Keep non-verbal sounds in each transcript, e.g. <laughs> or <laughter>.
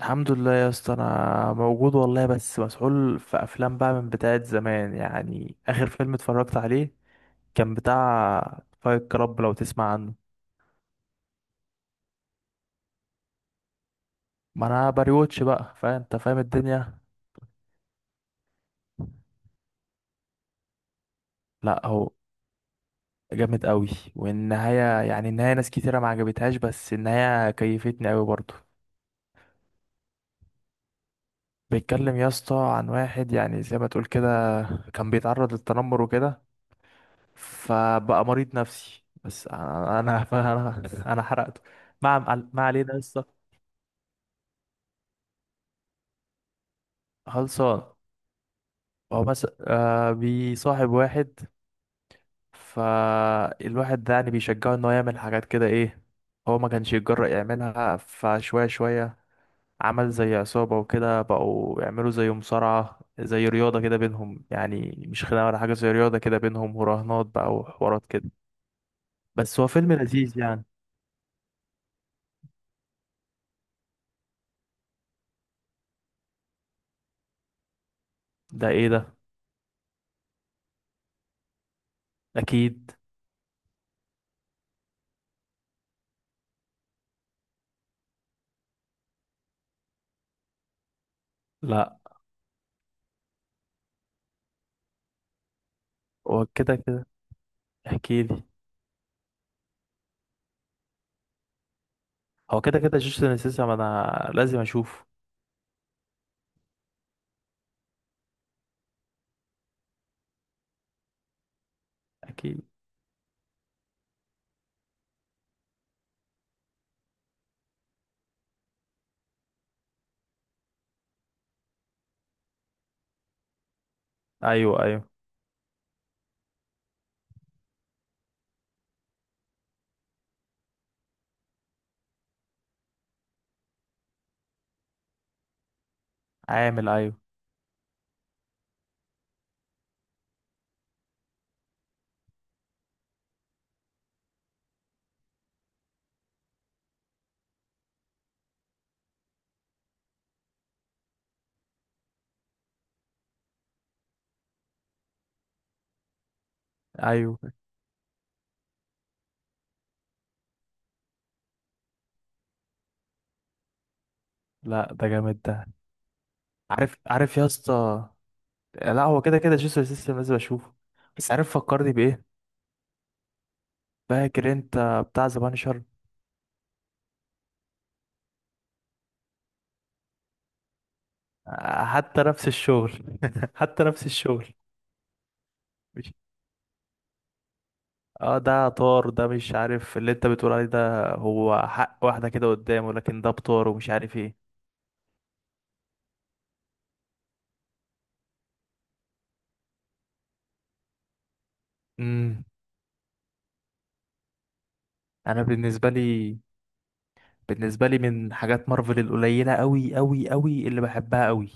الحمد لله يا اسطى، انا موجود والله، بس مسحول في افلام بقى من بتاعه زمان. يعني اخر فيلم اتفرجت عليه كان بتاع فايت كلاب، لو تسمع عنه. ما انا بريوتش بقى، فانت فاهم الدنيا. لا، هو جامد قوي. والنهايه، يعني النهايه، ناس كتيره ما عجبتهاش، بس النهايه كيفتني قوي برضه. بيتكلم يا اسطى عن واحد، يعني زي ما تقول كده، كان بيتعرض للتنمر وكده، فبقى مريض نفسي. بس انا <laughs> أنا حرقته. ما علينا لسه. خلصان. هو مثلا آه بيصاحب واحد، فالواحد ده يعني بيشجعه ان هو يعمل حاجات كده، ايه. هو ما كانش يتجرأ يعملها، فشوية شوية. عمل زي عصابة وكده، بقوا يعملوا زي مصارعة، زي رياضة كده بينهم، يعني مش خناقة ولا حاجة، زي رياضة كده بينهم، وراهنات بقى وحوارات كده. بس هو فيلم لذيذ يعني. ده ايه ده؟ اكيد. لا، هو كده كده. احكي لي. هو كده كده جيسون انسيسا، ما انا لازم اشوفه. اكيد. ايوه، ايوه. عامل، ايوه. ايوه. لا، ده جامد ده. عارف، عارف يا اسطى. لا، هو كده كده جيسون انسيسا، لازم اشوفه. بس عارف فكرني بايه؟ فاكر انت بتاع ذا بانشر؟ حتى نفس الشغل. <laughs> حتى نفس الشغل. مش، اه، ده طار ده، مش عارف اللي انت بتقول عليه، ده هو حق واحدة كده قدامه، لكن ده بطار ومش عارف ايه. امم. انا بالنسبة لي، بالنسبة لي من حاجات مارفل القليلة أوي أوي أوي اللي بحبها أوي.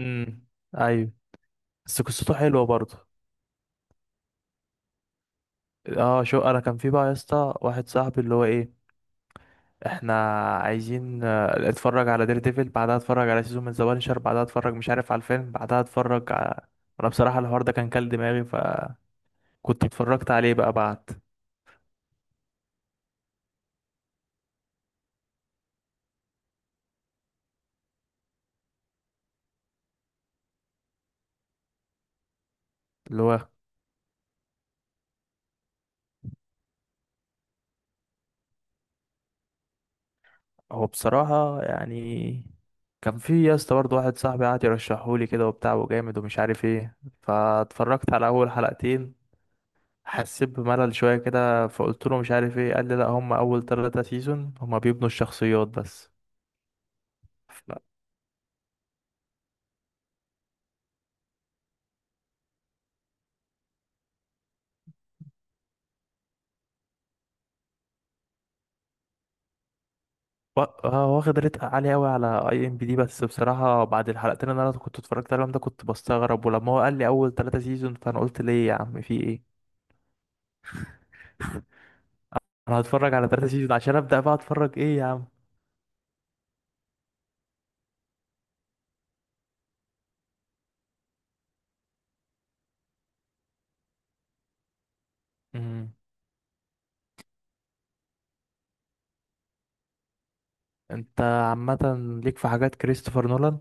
امم. أيوة. بس قصته حلوة برضه. اه، شو أنا، كان في بقى يا اسطى واحد صاحبي، اللي هو إيه، إحنا عايزين آه، اتفرج على دير ديفل، بعدها اتفرج على سيزون من ذا بانشر، بعدها اتفرج مش عارف على الفيلم، بعدها اتفرج على، أنا بصراحة الحوار ده كان كل دماغي، فكنت اتفرجت عليه بقى بعد اللي هو. هو بصراحة يعني، كان في يا اسطى برضه واحد صاحبي قعد يرشحهولي كده وبتاع، وجامد ومش عارف ايه، فاتفرجت على أول حلقتين. حسيت بملل شوية كده، فقلت له مش عارف ايه. قال لي لأ، هما أول تلاتة سيزون هما بيبنوا الشخصيات بس. ف- واخد ريت عالي أوي على اي ام بي دي. بس بصراحة بعد الحلقتين اللي أنا كنت اتفرجت عليهم ده، كنت بستغرب. ولما هو قال لي أول تلاتة سيزون، فأنا قلت ليه يا عم في ايه؟ أنا هتفرج على تلاتة سيزون عشان أبدأ بقى أتفرج ايه يا عم! انت عامة ليك في حاجات كريستوفر نولان.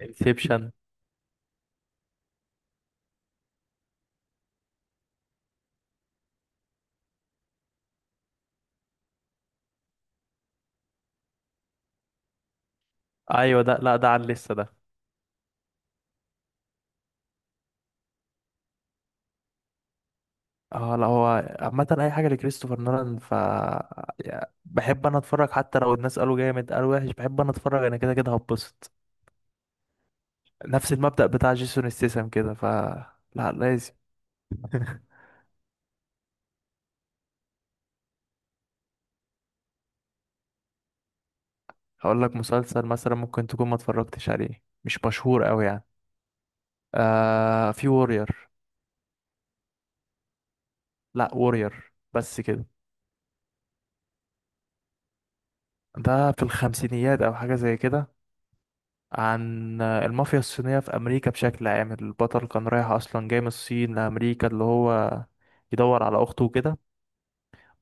انسبشن. ايوه ده، لا ده على اللسه ده. اه، لا هو عامة اي حاجة لكريستوفر نولان، ف، يا-، بحب انا اتفرج، حتى لو الناس قالوا جامد، قالوا وحش، بحب انا اتفرج، انا كده كده هبسط. نفس المبدأ بتاع جيسون ستيسم كده، ف، لا لازم. هقول لك مسلسل مثلا ممكن تكون ما اتفرجتش عليه، مش مشهور قوي يعني. آه، في وورير. لا، وورير بس كده. ده في الخمسينيات او حاجة زي كده، عن المافيا الصينية في أمريكا بشكل عام. البطل كان رايح أصلا، جاي من الصين لأمريكا، اللي هو يدور على أخته وكده.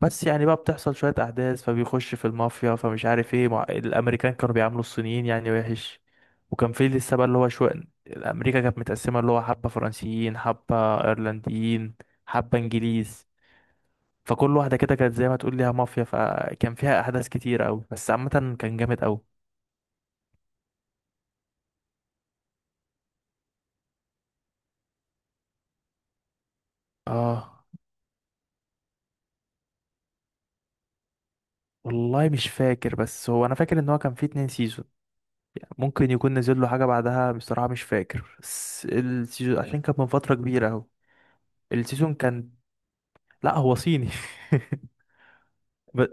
بس يعني بقى بتحصل شوية أحداث، فبيخش في المافيا، فمش عارف ايه، مع، الأمريكان كانوا بيعاملوا الصينيين يعني وحش. وكان في لسه بقى، اللي هو شوية، أمريكا كانت متقسمة، اللي هو حبة فرنسيين، حبة أيرلنديين، حبة إنجليز، فكل واحدة كده كانت زي ما تقول ليها مافيا، فكان فيها أحداث كتير أوي. بس عامة كان جامد أوي. اه والله مش فاكر، بس هو انا فاكر ان هو كان فيه اتنين سيزون. ممكن يكون نزل له حاجه بعدها بصراحه، مش فاكر، بس السيزون عشان كان من فتره كبيره اهو. السيزون كان، لا هو صيني. <laughs> ب،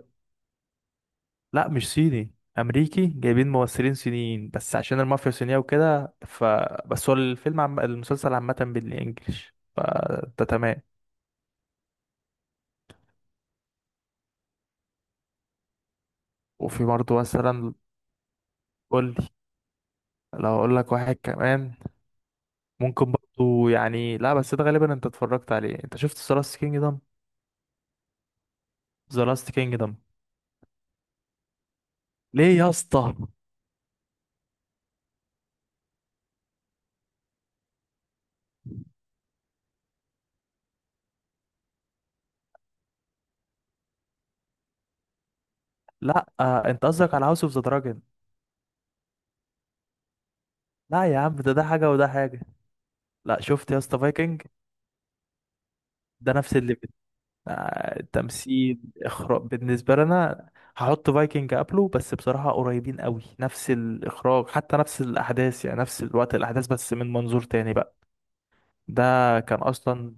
لا مش صيني، امريكي جايبين ممثلين صينيين بس عشان المافيا صينيه وكده، ف، بس هو الفيلم، عم، المسلسل عامه بالانجلش، فده تمام. وفي برضه مثلا، قول لي، لو اقول لك واحد كمان ممكن برضه، يعني لا، بس ده غالبا انت اتفرجت عليه. انت شفت سلاس كينجدم؟ ذا لاست كينجدم. ليه يا اسطى؟ لا آه، انت قصدك على هاوس اوف ذا دراجون. لا يا عم، ده ده حاجه وده حاجه. لا شفت يا اسطى فايكنج؟ ده نفس الليفل، آه، تمثيل، اخراج، بالنسبه لنا. هحط فايكنج قبله، بس بصراحه قريبين قوي، نفس الاخراج، حتى نفس الاحداث، يعني نفس الوقت الاحداث بس من منظور تاني بقى. ده كان اصلا.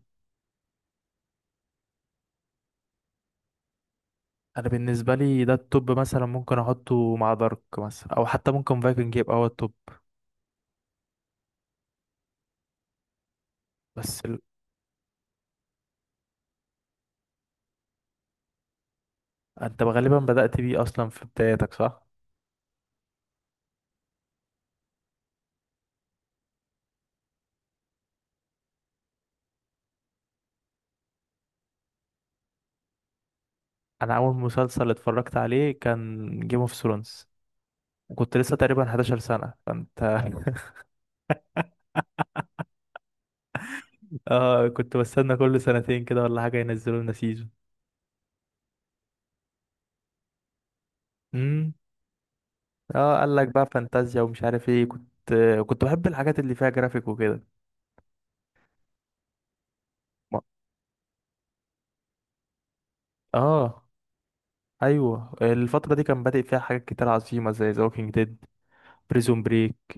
انا بالنسبه لي ده التوب، مثلا ممكن احطه مع دارك مثلا، او حتى ممكن فايكنج يبقى هو التوب. بس ال، انت غالبا بدأت بيه اصلا في بدايتك، صح؟ انا اول مسلسل اتفرجت عليه كان جيم اوف ثرونز، وكنت لسه تقريبا 11 سنة، فانت. <laughs> اه كنت بستنى كل سنتين كده ولا حاجة ينزلوا لنا سيزون. امم. اه، قال لك بقى فانتازيا ومش عارف ايه، كنت، كنت بحب الحاجات اللي فيها جرافيك وكده. ما- اه. ايوه الفترة دي كان بادئ فيها حاجات كتير عظيمة، زي ذا ووكينج ديد، بريزون بريك،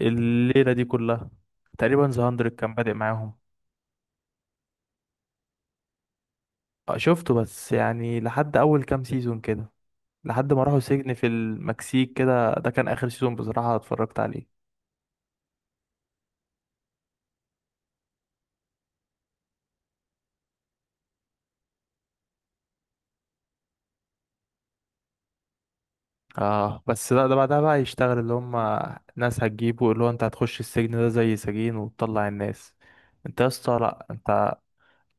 الليلة دي كلها، تقريبا ذا 100، كان بادئ معاهم. آه، شفته بس يعني لحد اول كام سيزون كده، لحد ما راحوا سجن في المكسيك كده، ده كان اخر سيزون بصراحة اتفرجت عليه. اه بس لا، ده بعدها بقى يشتغل اللي هم ناس هتجيبه، اللي هو انت هتخش السجن ده زي سجين وتطلع الناس. انت يا اسطى، لا انت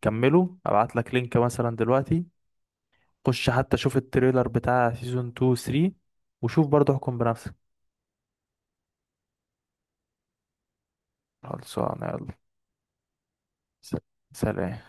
كمله، ابعت لك لينك مثلا دلوقتي، خش حتى شوف التريلر بتاع سيزون 2 و 3، وشوف برضه احكم بنفسك. خلصانه، يلا. س- سلام.